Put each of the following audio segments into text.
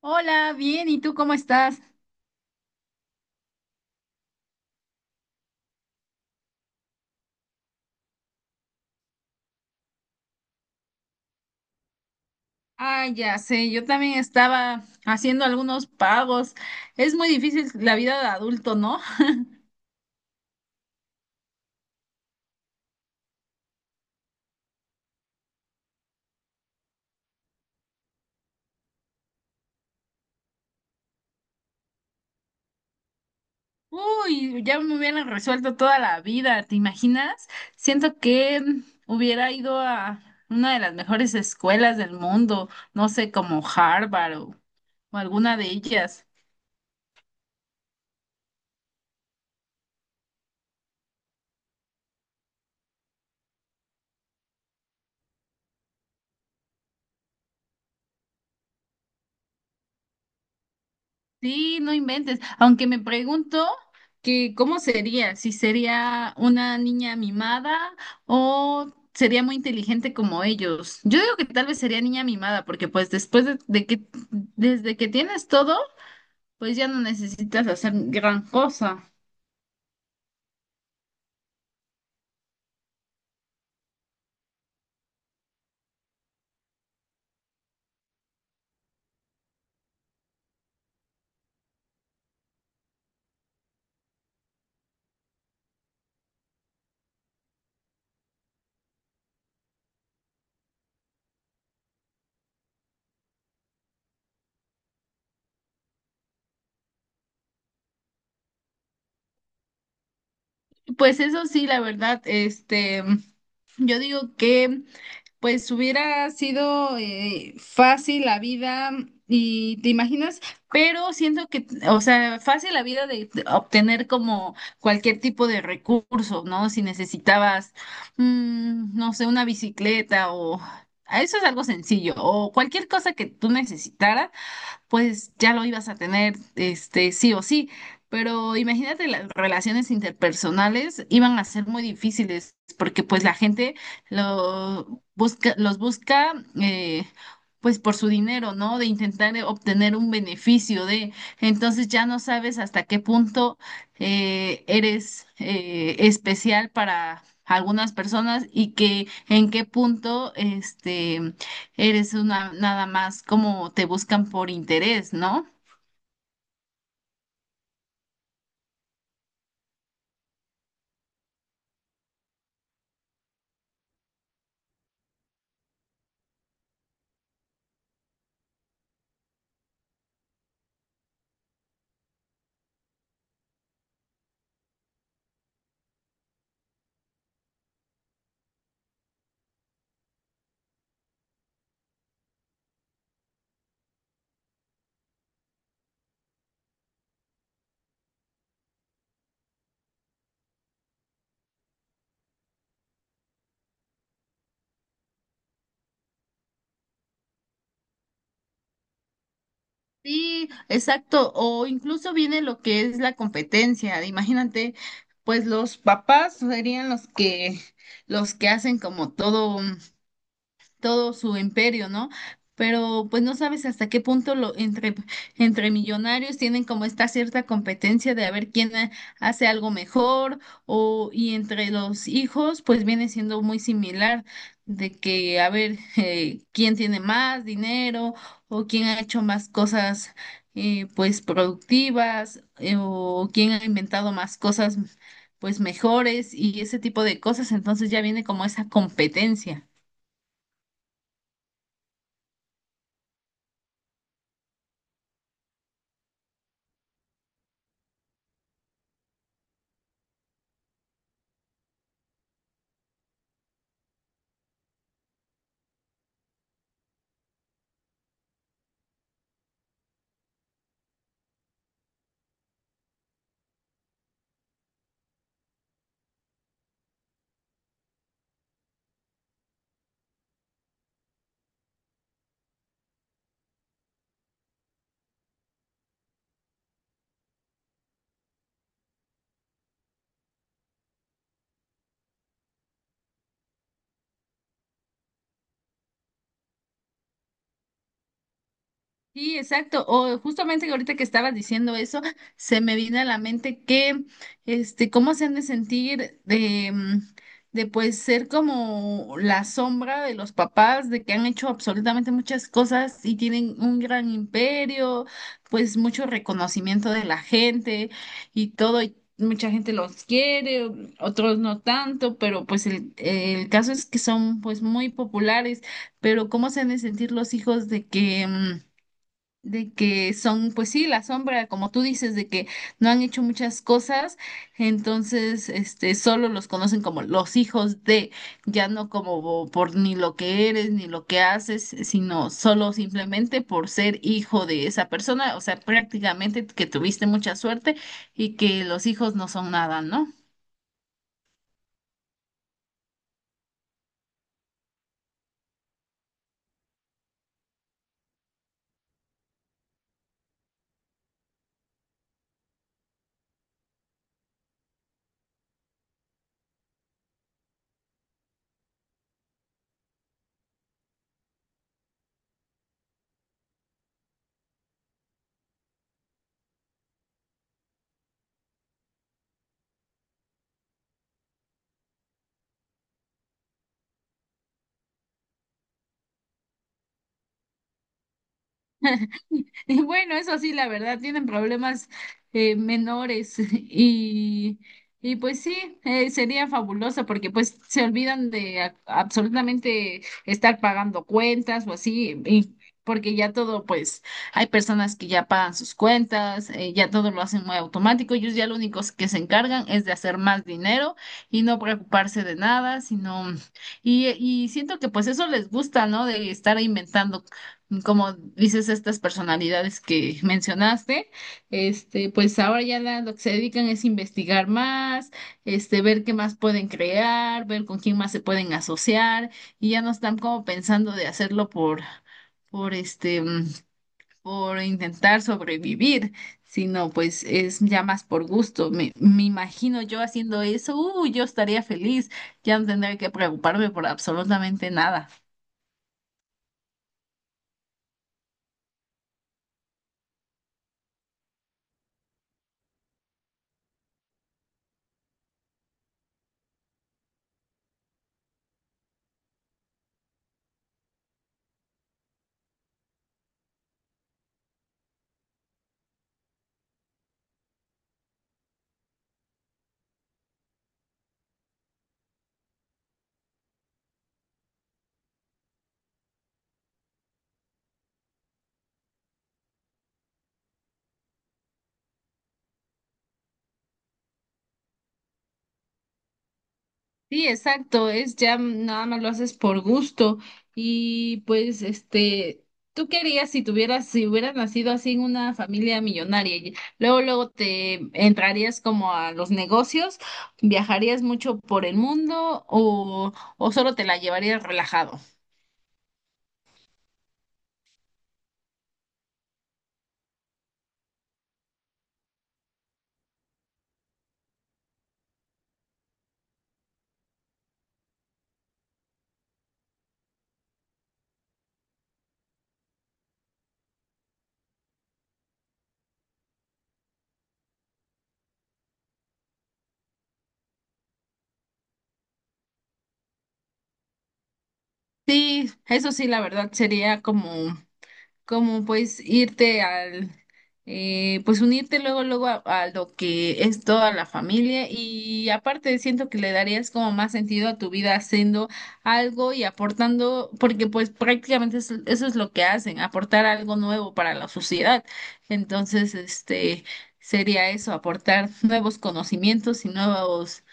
Hola, bien, ¿y tú cómo estás? Ah, ya sé, yo también estaba haciendo algunos pagos. Es muy difícil la vida de adulto, ¿no? Uy, ya me hubieran resuelto toda la vida, ¿te imaginas? Siento que hubiera ido a una de las mejores escuelas del mundo, no sé, como Harvard o alguna de ellas. Sí, no inventes. Aunque me pregunto que cómo sería, si sería una niña mimada o sería muy inteligente como ellos. Yo digo que tal vez sería niña mimada, porque pues después de que, desde que tienes todo, pues ya no necesitas hacer gran cosa. Pues eso sí, la verdad, este, yo digo que pues hubiera sido fácil la vida y te imaginas, pero siento que, o sea, fácil la vida de obtener como cualquier tipo de recurso, ¿no? Si necesitabas, no sé, una bicicleta o eso es algo sencillo o cualquier cosa que tú necesitaras pues ya lo ibas a tener, este, sí o sí. Pero imagínate, las relaciones interpersonales iban a ser muy difíciles porque pues la gente lo busca, los busca, eh, pues por su dinero, ¿no? De intentar, obtener un beneficio de, entonces ya no sabes hasta qué punto, eres, especial para algunas personas y que en qué punto, este, eres una nada más, como te buscan por interés, ¿no? Sí, exacto. O incluso viene lo que es la competencia. Imagínate, pues los papás serían los que hacen como todo, todo su imperio, ¿no? Pero pues no sabes hasta qué punto lo, entre millonarios tienen como esta cierta competencia de a ver quién hace algo mejor, o y entre los hijos pues viene siendo muy similar de que a ver quién tiene más dinero o quién ha hecho más cosas, pues productivas, o quién ha inventado más cosas pues mejores, y ese tipo de cosas, entonces ya viene como esa competencia. Sí, exacto. O justamente, que ahorita que estabas diciendo eso, se me vino a la mente que, este, cómo se han de sentir de, pues ser como la sombra de los papás, de que han hecho absolutamente muchas cosas y tienen un gran imperio, pues mucho reconocimiento de la gente y todo. Y mucha gente los quiere, otros no tanto, pero pues el caso es que son pues muy populares. Pero cómo se han de sentir los hijos de que, son, pues sí, la sombra, como tú dices, de que no han hecho muchas cosas. Entonces, este, solo los conocen como los hijos de, ya no como por ni lo que eres, ni lo que haces, sino solo simplemente por ser hijo de esa persona, o sea, prácticamente que tuviste mucha suerte y que los hijos no son nada, ¿no? Y bueno, eso sí, la verdad, tienen problemas, menores y pues sí, sería fabuloso porque pues se olvidan de absolutamente estar pagando cuentas o así, y porque ya todo, pues hay personas que ya pagan sus cuentas, ya todo lo hacen muy automático, ellos ya lo único que se encargan es de hacer más dinero y no preocuparse de nada, sino, y siento que pues eso les gusta, ¿no? De estar inventando, como dices, estas personalidades que mencionaste, este, pues ahora ya lo que se dedican es investigar más, este, ver qué más pueden crear, ver con quién más se pueden asociar, y ya no están como pensando de hacerlo por este, por intentar sobrevivir, sino pues es ya más por gusto. Me imagino yo haciendo eso, yo estaría feliz, ya no tendría que preocuparme por absolutamente nada. Sí, exacto, es ya nada más lo haces por gusto y pues este, tú querías si tuvieras, si hubieras nacido así en una familia millonaria, y luego luego te entrarías como a los negocios, viajarías mucho por el mundo, o solo te la llevarías relajado. Sí, eso sí, la verdad sería como pues irte al, pues unirte luego, luego a, lo que es toda la familia, y aparte siento que le darías como más sentido a tu vida haciendo algo y aportando, porque pues prácticamente eso, eso es lo que hacen, aportar algo nuevo para la sociedad. Entonces, este, sería eso, aportar nuevos conocimientos y nuevos,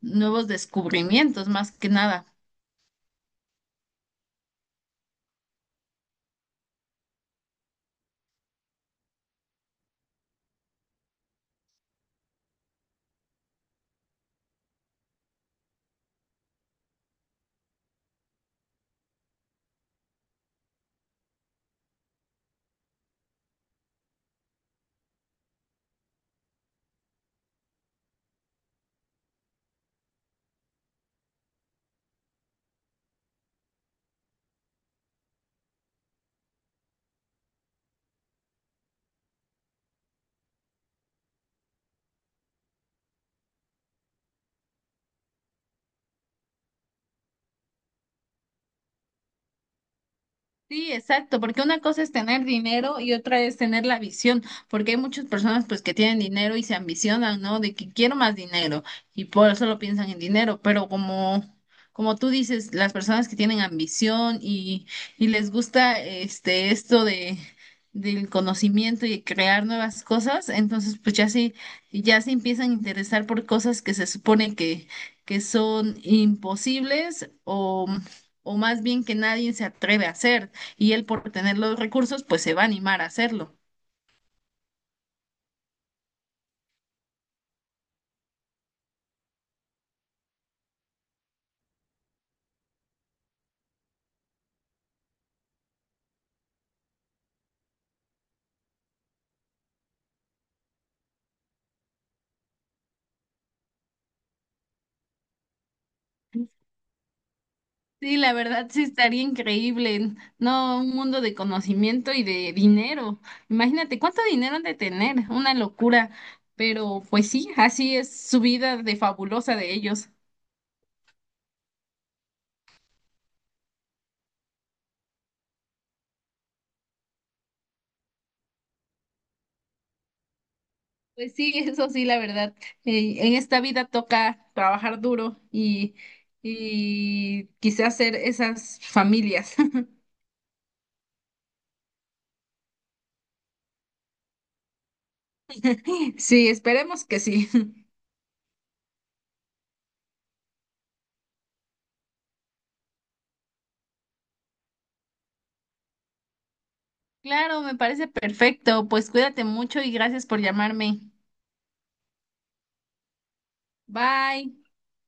nuevos descubrimientos más que nada. Sí, exacto, porque una cosa es tener dinero y otra es tener la visión, porque hay muchas personas pues que tienen dinero y se ambicionan, ¿no? De que quiero más dinero, y por eso lo piensan en dinero, pero como tú dices, las personas que tienen ambición y les gusta este esto de del conocimiento y crear nuevas cosas, entonces pues ya sí ya se empiezan a interesar por cosas que se supone que son imposibles o más bien que nadie se atreve a hacer, y él por tener los recursos, pues se va a animar a hacerlo. Sí, la verdad sí estaría increíble, no, un mundo de conocimiento y de dinero. Imagínate cuánto dinero han de tener, una locura, pero pues sí, así es su vida de fabulosa de ellos. Pues sí, eso sí, la verdad. En esta vida toca trabajar duro y quizás hacer esas familias. Sí, esperemos que sí. Claro, me parece perfecto. Pues cuídate mucho y gracias por llamarme. Bye.